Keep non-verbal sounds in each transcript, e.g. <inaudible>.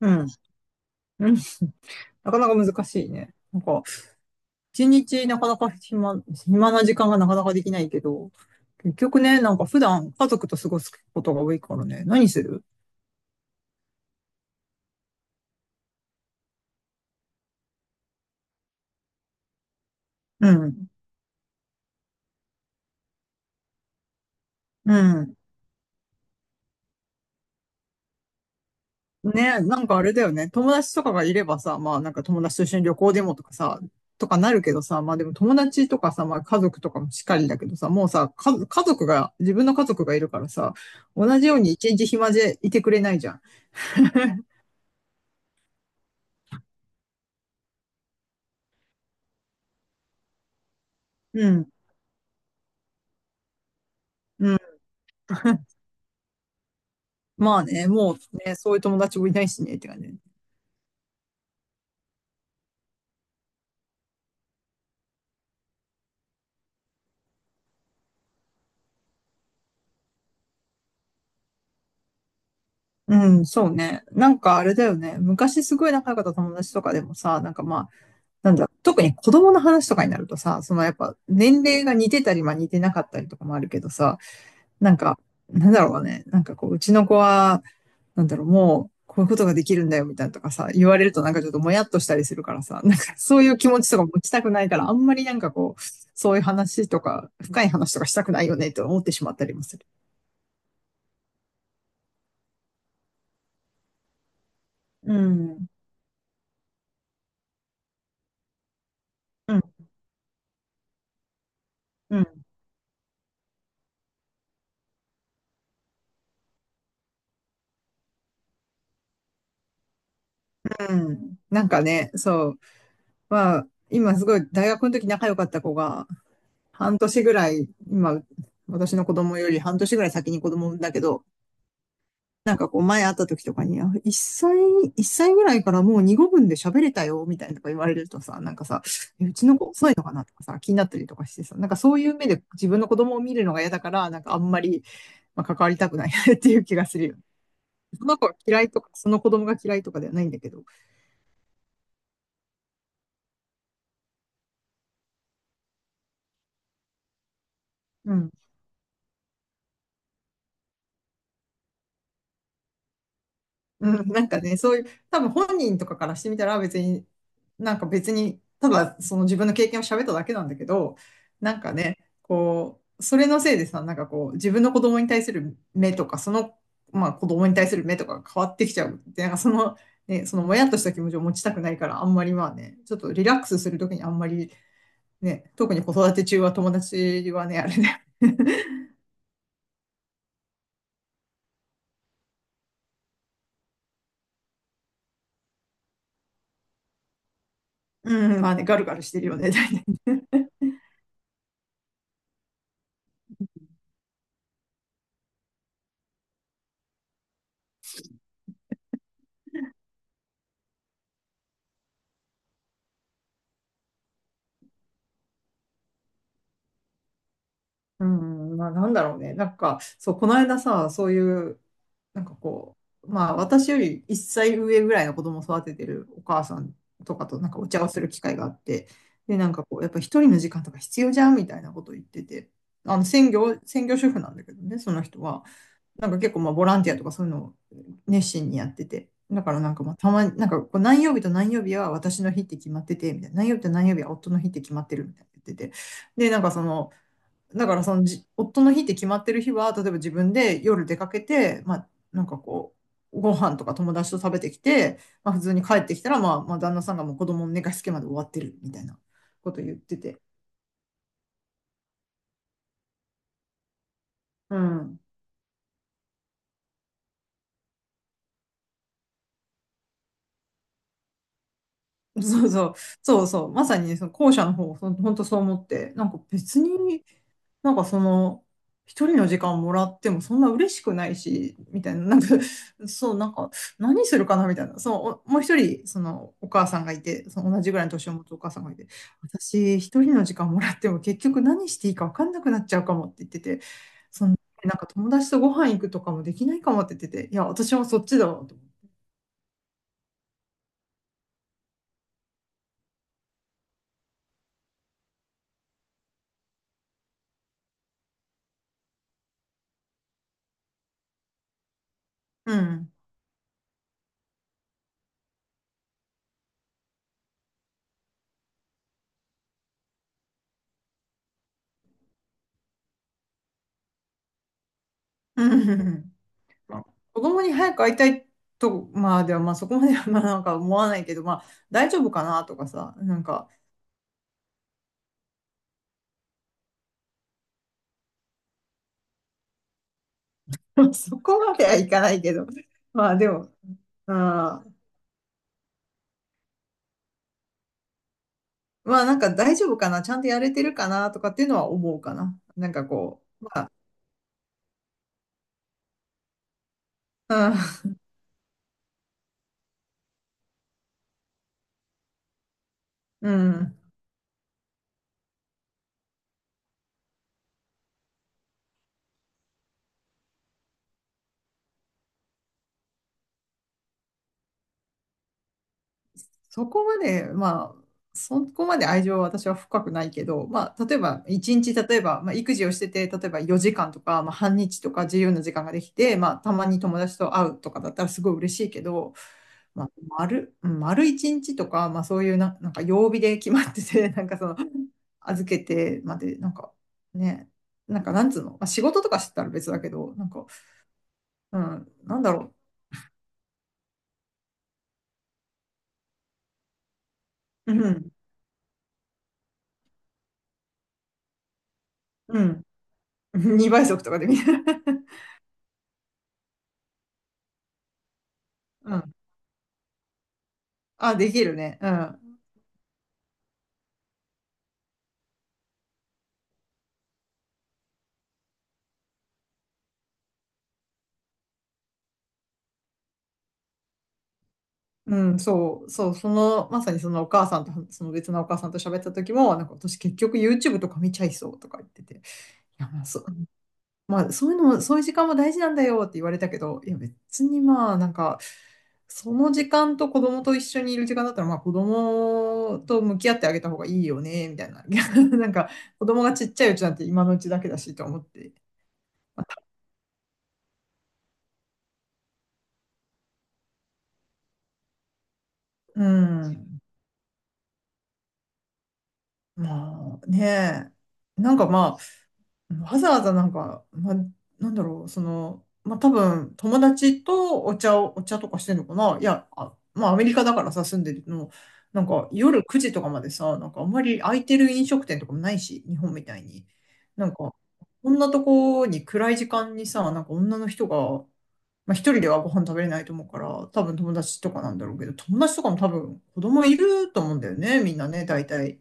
うん。うん。なかなか難しいね。なんか、一日なかなか暇な時間がなかなかできないけど、結局ね、なんか普段家族と過ごすことが多いからね、何する？うん。うん。ね、なんかあれだよね。友達とかがいればさ、まあなんか友達と一緒に旅行でもとかさ、とかなるけどさ、まあでも友達とかさ、まあ家族とかもしっかりだけどさ、もうさ、家族が、自分の家族がいるからさ、同じように一日暇でいてくれないじゃん。うん。うん。まあね、もうね、そういう友達もいないしね、って感じ。うん、そうね。なんかあれだよね。昔すごい仲良かった友達とかでもさ、なんかまあ、なんだ、特に子供の話とかになるとさ、そのやっぱ年齢が似てたり、まあ似てなかったりとかもあるけどさ、なんか、なんだろうね。なんかこう、うちの子は、なんだろう、もう、こういうことができるんだよ、みたいなとかさ、言われるとなんかちょっともやっとしたりするからさ、なんかそういう気持ちとか持ちたくないから、あんまりなんかこう、そういう話とか、深い話とかしたくないよね、と思ってしまったりもする。うん、うん、うん、うん。なんかね、そう。まあ、今すごい大学の時仲良かった子が、半年ぐらい、今、私の子供より半年ぐらい先に子供産んだけど、なんかこう前会った時とかに、あ一歳ぐらいからもう二語分で喋れたよ、みたいなとか言われるとさ、なんかさ、えうちの子遅いのかなとかさ、気になったりとかしてさ、なんかそういう目で自分の子供を見るのが嫌だから、なんかあんまり、まあ、関わりたくない <laughs> っていう気がするよね。その子が嫌いとか、その子供が嫌いとかではないんだけど。うん。うん、なんかね、そういう、多分本人とかからしてみたら別に、なんか別に、ただその自分の経験を喋っただけなんだけど、なんかね、こう、それのせいでさ、なんかこう、自分の子供に対する目とか、その、まあ子供に対する目とかが変わってきちゃう。で、なんかその、ね、そのもやっとした気持ちを持ちたくないから、あんまりまあね、ちょっとリラックスするときにあんまりね、特に子育て中は友達はね、あれね、<laughs> うん、まあね、ガルガルしてるよね、大体。うん、まあなんだろうね。なんか、そう、この間さ、そういう、なんかこう、まあ私より1歳上ぐらいの子供を育ててるお母さんとかとなんかお茶をする機会があって、で、なんかこう、やっぱ一人の時間とか必要じゃんみたいなことを言ってて、専業主婦なんだけどね、その人は。なんか結構まあボランティアとかそういうのを熱心にやってて。だからなんかまあたまに、なんかこう何曜日と何曜日は私の日って決まってて、みたいな。何曜日と何曜日は夫の日って決まってるみたいな言ってて。で、なんかその、だからその夫の日って決まってる日は、例えば自分で夜出かけて、まあ、なんかこう、ご飯とか友達と食べてきて、まあ、普通に帰ってきたら、まあ、まあ、旦那さんがもう子供の寝かしつけまで終わってるみたいなこと言ってて。うん。<laughs> そうそう、そうそう、まさにその後者の方、その本当そう思って、なんか別になんかその、一人の時間もらってもそんな嬉しくないし、みたいな、なんか、そう、なんか、何するかなみたいな、そう、おもう一人、その、お母さんがいて、その同じぐらいの年を持つお母さんがいて、私、一人の時間もらっても結局何していいか分かんなくなっちゃうかもって言ってて、その、なんか友達とご飯行くとかもできないかもって言ってて、いや、私もそっちだわ、と思って。うん。うん。まあ子供に早く会いたいと、まあでもまあそこまではまあなんか思わないけど、まあ大丈夫かなとかさ、なんか <laughs> そこまではいかないけど、まあでも、あーまあなんか大丈夫かな、ちゃんとやれてるかなとかっていうのは思うかな。なんかこう、うん、うん。そこまで、まあ、そこまで愛情は私は深くないけど、まあ、例えば、一日、例えば、まあ、育児をしてて、例えば4時間とか、まあ、半日とか自由な時間ができて、まあ、たまに友達と会うとかだったらすごい嬉しいけど、まあ、丸一日とか、まあ、そういうな、なんか曜日で決まってて、<laughs> なんかその、預けてまで、なんかね、なんかなんつうの、まあ、仕事とかしてたら別だけど、なんか、うん、なんだろう、うん、うん、2倍速とかで見る。<laughs> うん。あ、できるね。うん。うん、そう、そう、その、まさにそのお母さんと、その別のお母さんと喋った時も、なんか私結局 YouTube とか見ちゃいそうとか言ってて、いや、まあ、そう、まあ、そういうのも、そういう時間も大事なんだよって言われたけど、いや、別にまあ、なんか、その時間と子供と一緒にいる時間だったら、まあ、子供と向き合ってあげた方がいいよね、みたいな。<laughs> なんか、子供がちっちゃいうちなんて今のうちだけだしと思って。うん。まあねえ、なんかまあ、わざわざなんか、ま、なんだろう、その、まあ、多分友達とお茶を、お茶とかしてんのかな。いや、あ、まあ、アメリカだからさ、住んでるの、なんか夜9時とかまでさ、なんかあんまり空いてる飲食店とかもないし、日本みたいに。なんか、こんなとこに暗い時間にさ、なんか女の人が、まあ、一人ではご飯食べれないと思うから、多分友達とかなんだろうけど、友達とかも多分子供いると思うんだよね、みんなね、大体。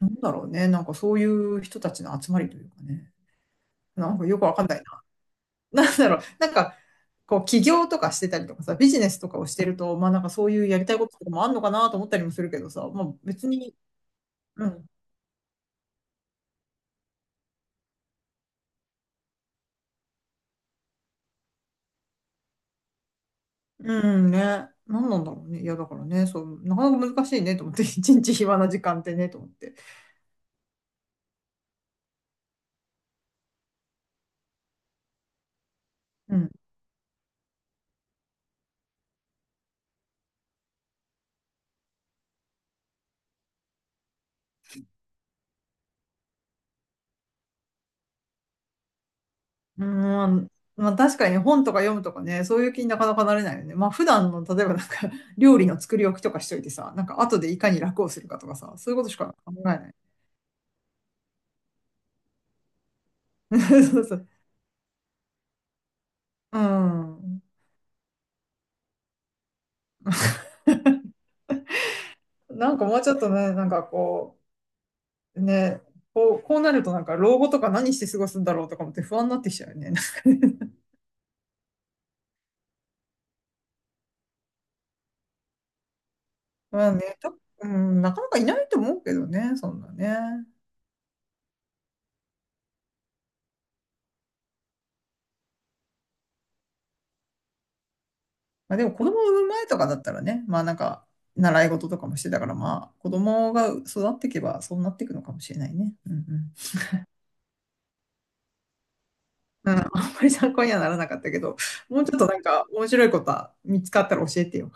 なんだろうね、なんかそういう人たちの集まりというかね。なんかよくわかんないな。<laughs> なんだろう、なんか、こう、起業とかしてたりとかさ、ビジネスとかをしてると、まあなんかそういうやりたいこととかもあんのかなと思ったりもするけどさ、まあ別に、うん、うん。ね、なんなんだろうね。いや、だからね、そう、なかなか難しいねと思って、<laughs> 一日暇な時間ってね、と思って。うん。うん、まあ確かにね本とか読むとかね、そういう気になかなかなれないよね。まあ普段の、例えばなんか、<laughs> 料理の作り置きとかしといてさ、なんか後でいかに楽をするかとかさ、そういうことしか考えない。<laughs> そうそう。うん。<laughs> なんかもうちょっとね、なんかこう、ね、こう、こうなるとなんか老後とか何して過ごすんだろうとかもって不安になってきちゃうよね。<laughs> まあね、と、うん、なかなかいないと思うけどね、そんなね。まあ、でも子供を産む前とかだったらね、まあなんか習い事とかもしてたからまあ子供が育っていけばそうなっていくのかもしれないね。うんうん。うん、あんまり参考にはならなかったけど、もうちょっとなんか面白いことは見つかったら教えてよ。